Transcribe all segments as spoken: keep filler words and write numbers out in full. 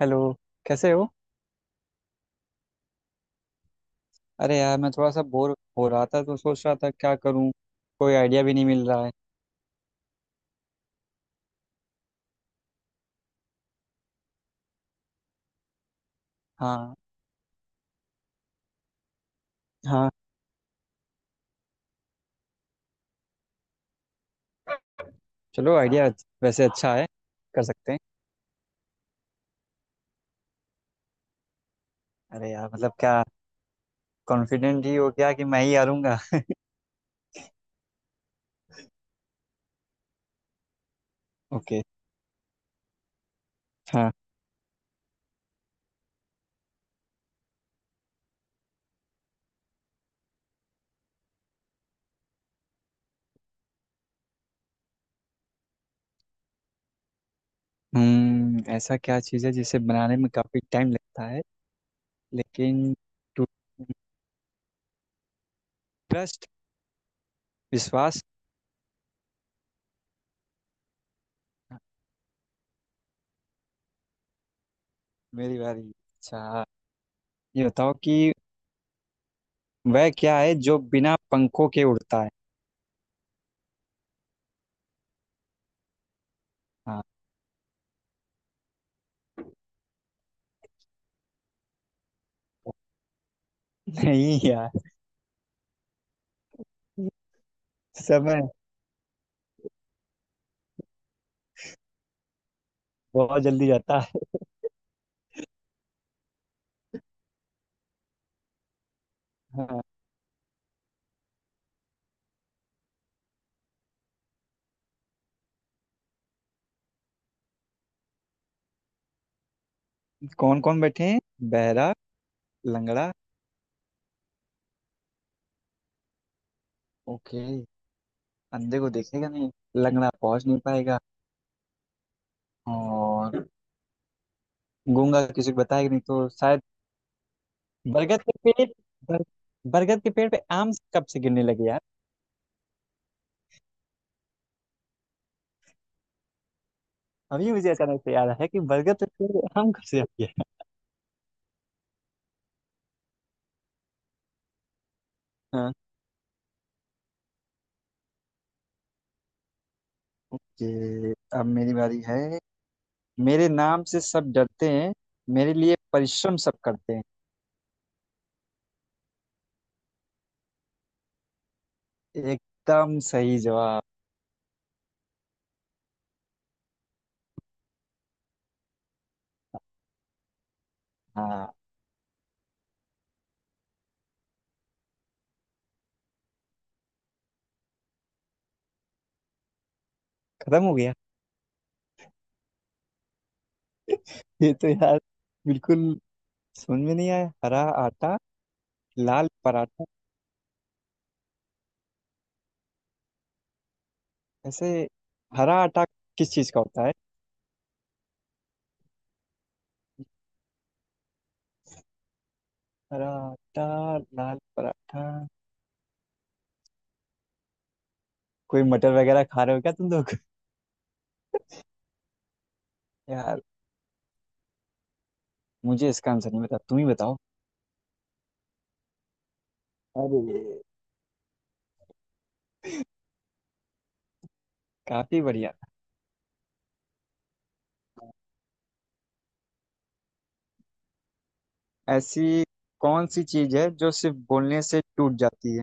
Hello. कैसे हो? अरे यार, मैं थोड़ा सा बोर हो रहा था तो सोच रहा था क्या करूं। कोई आइडिया भी नहीं मिल रहा है। हाँ। हाँ, चलो आइडिया वैसे अच्छा है, कर सकते हैं। अरे यार, मतलब क्या कॉन्फिडेंट ही हो गया कि मैं ही हारूंगा। ओके। हाँ। हम्म, ऐसा क्या चीज़ है जिसे बनाने में काफ़ी टाइम लगता है लेकिन। ट्रस्ट। विश्वास। मेरी बारी, अच्छा। ये बताओ कि वह क्या है जो बिना पंखों के उड़ता है। हाँ। नहीं यार। समझ बहुत जल्दी जाता है। हाँ। कौन कौन बैठे हैं? बहरा। लंगड़ा। ओके। अंधे को देखेगा नहीं। लंगड़ा पहुंच नहीं पाएगा। और गूंगा किसी को बताएगा नहीं, तो शायद। बरगद के पेड़, बर, बरगद के पेड़ पे आम कब से गिरने लगे यार। अभी मुझे अचानक से याद आया कि बरगद के पेड़ पे आम कब से आ गया। हाँ। कि अब मेरी बारी है। मेरे नाम से सब डरते हैं, मेरे लिए परिश्रम सब करते हैं। एकदम सही जवाब। हाँ। खत्म हो गया? ये तो यार बिल्कुल समझ में नहीं आया। हरा आटा, लाल पराठा। ऐसे हरा आटा किस चीज का होता है? हरा आटा, लाल पराठा। कोई मटर वगैरह खा रहे हो क्या तुम लोग? यार, मुझे इसका आंसर नहीं पता, तुम ही बताओ। अरे, काफी बढ़िया। ऐसी कौन सी चीज है जो सिर्फ बोलने से टूट जाती है?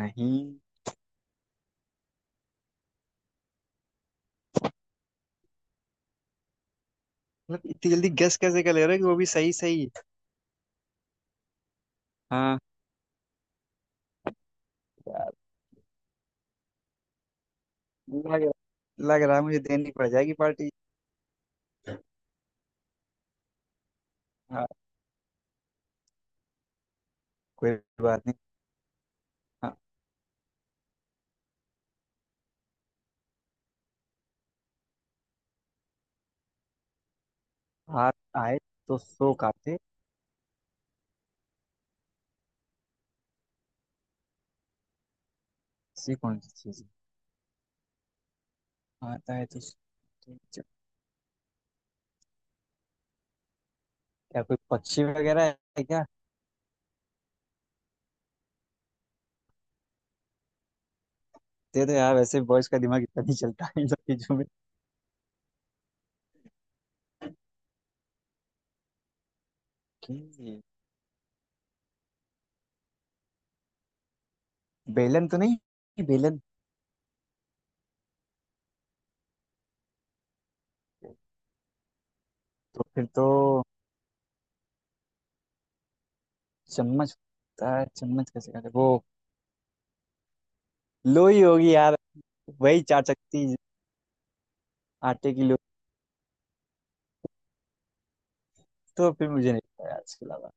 नहीं। मतलब इतनी जल्दी गेस कैसे कर ले रहे हो कि वो भी सही सही। हाँ। यार, लग रहा लग रहा है मुझे देनी पड़ जाएगी पार्टी। हाँ, कोई बात नहीं। हाँ। हाथ आए तो सो काटे। ऐसी कौन सी चीज, आता है तो उसको- क्या कोई पक्षी वगैरह है क्या? दे दो यार, वैसे बॉयज का दिमाग इतना नहीं चलता है इन सब चीजों में। कि बेलन तो नहीं, बेलन? तो फिर तो चम्मच होता है, चम्मच कैसे कहते हैं वो? लोई होगी यार, वही चार चक्की। आटे की लोई। तो फिर मुझे नहीं पता यार इसके अलावा।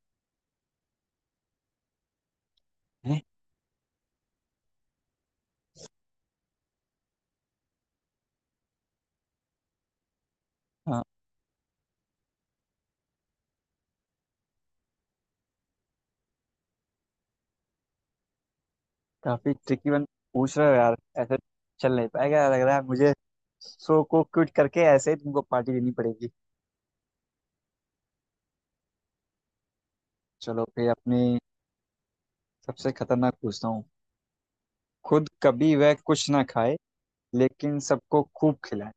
हैं? हाँ। काफी ट्रिकी वन पूछ रहे हो यार। ऐसे चल नहीं पाएगा, लग रहा है मुझे। शो को क्विट करके ऐसे ही तुमको पार्टी देनी पड़ेगी। चलो फिर अपने सबसे खतरनाक पूछता हूँ। खुद कभी वह कुछ ना खाए, लेकिन सबको खूब खिलाए।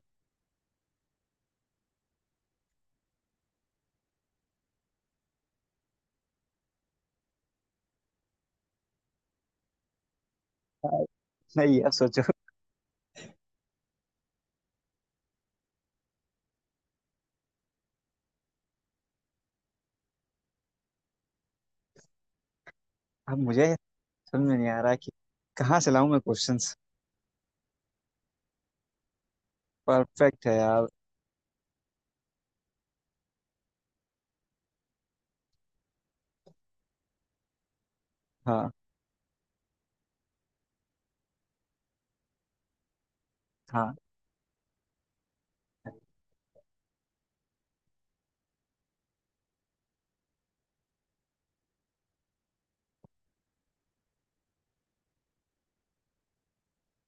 हाँ, नहीं यार सोचो। अब मुझे समझ में नहीं आ रहा कि कहाँ से लाऊं मैं क्वेश्चंस। परफेक्ट है यार। हाँ। हाँ।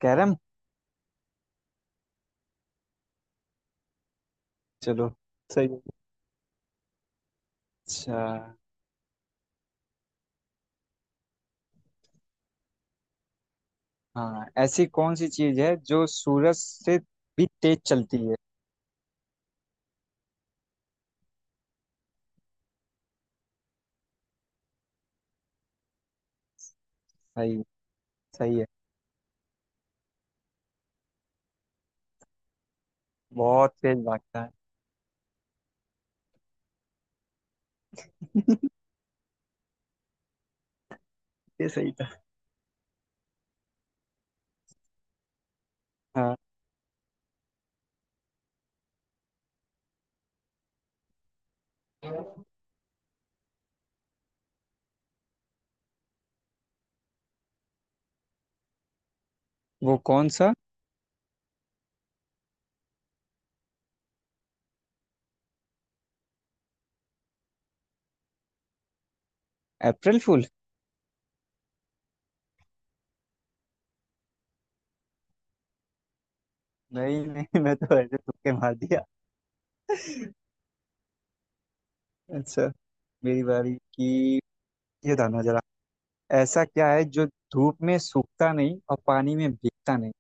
कैरम। चलो, सही है। अच्छा। हाँ, ऐसी कौन सी चीज है जो सूरज से भी तेज चलती है? सही। सही है। बहुत तेज भागता है। ये सही था। हाँ। वो कौन सा। अप्रैल फूल। नहीं नहीं, मैं तो ऐसे तुक्के मार दिया। अच्छा, मेरी बारी की। ये था ना जरा। ऐसा क्या है जो धूप में सूखता नहीं और पानी में भीगता नहीं?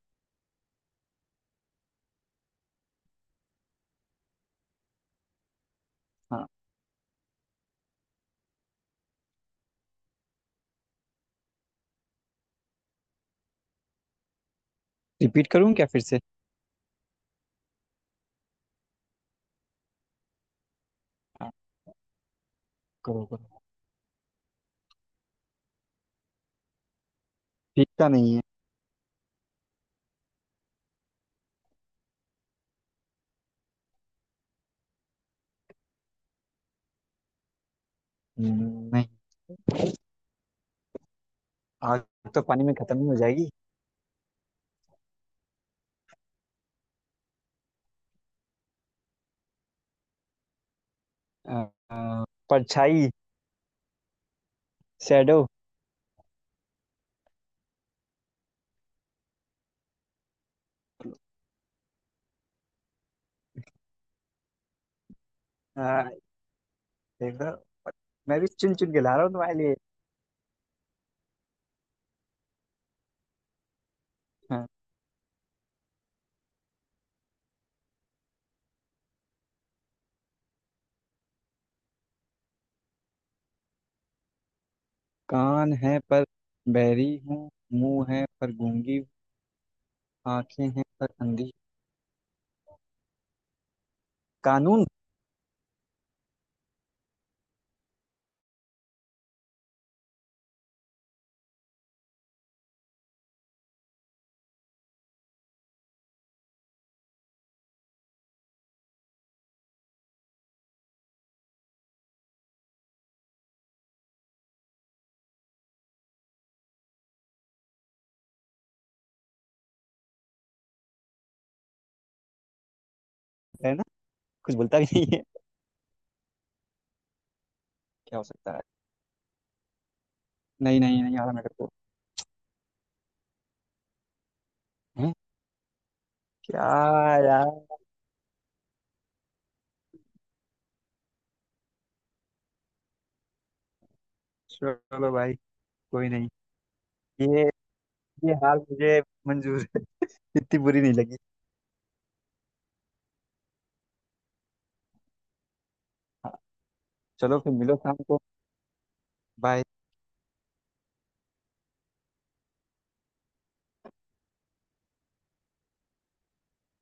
हाँ। रिपीट करूँ क्या फिर से? हाँ, करो करो, भीगता नहीं है। हम्म, नहीं। आग तो पानी में खत्म ही हो जाएगी। अ, अ, परछाई। शैडो। देखो, मैं भी चुन चुन के ला रहा हूँ तुम्हारे लिए। हाँ, कान है पर बहरी हूँ, मुंह है पर गूंगी हूँ, आंखें हैं पर अंधी। कानून? है ना, कुछ बोलता भी नहीं है। क्या हो सकता है? नहीं नहीं, नहीं आ रहा मेरे को। हैं? क्या यार। चलो भाई, कोई नहीं। ये ये हाल मुझे मंजूर है। इतनी बुरी नहीं लगी। हाँ, चलो फिर मिलो शाम को। बाय।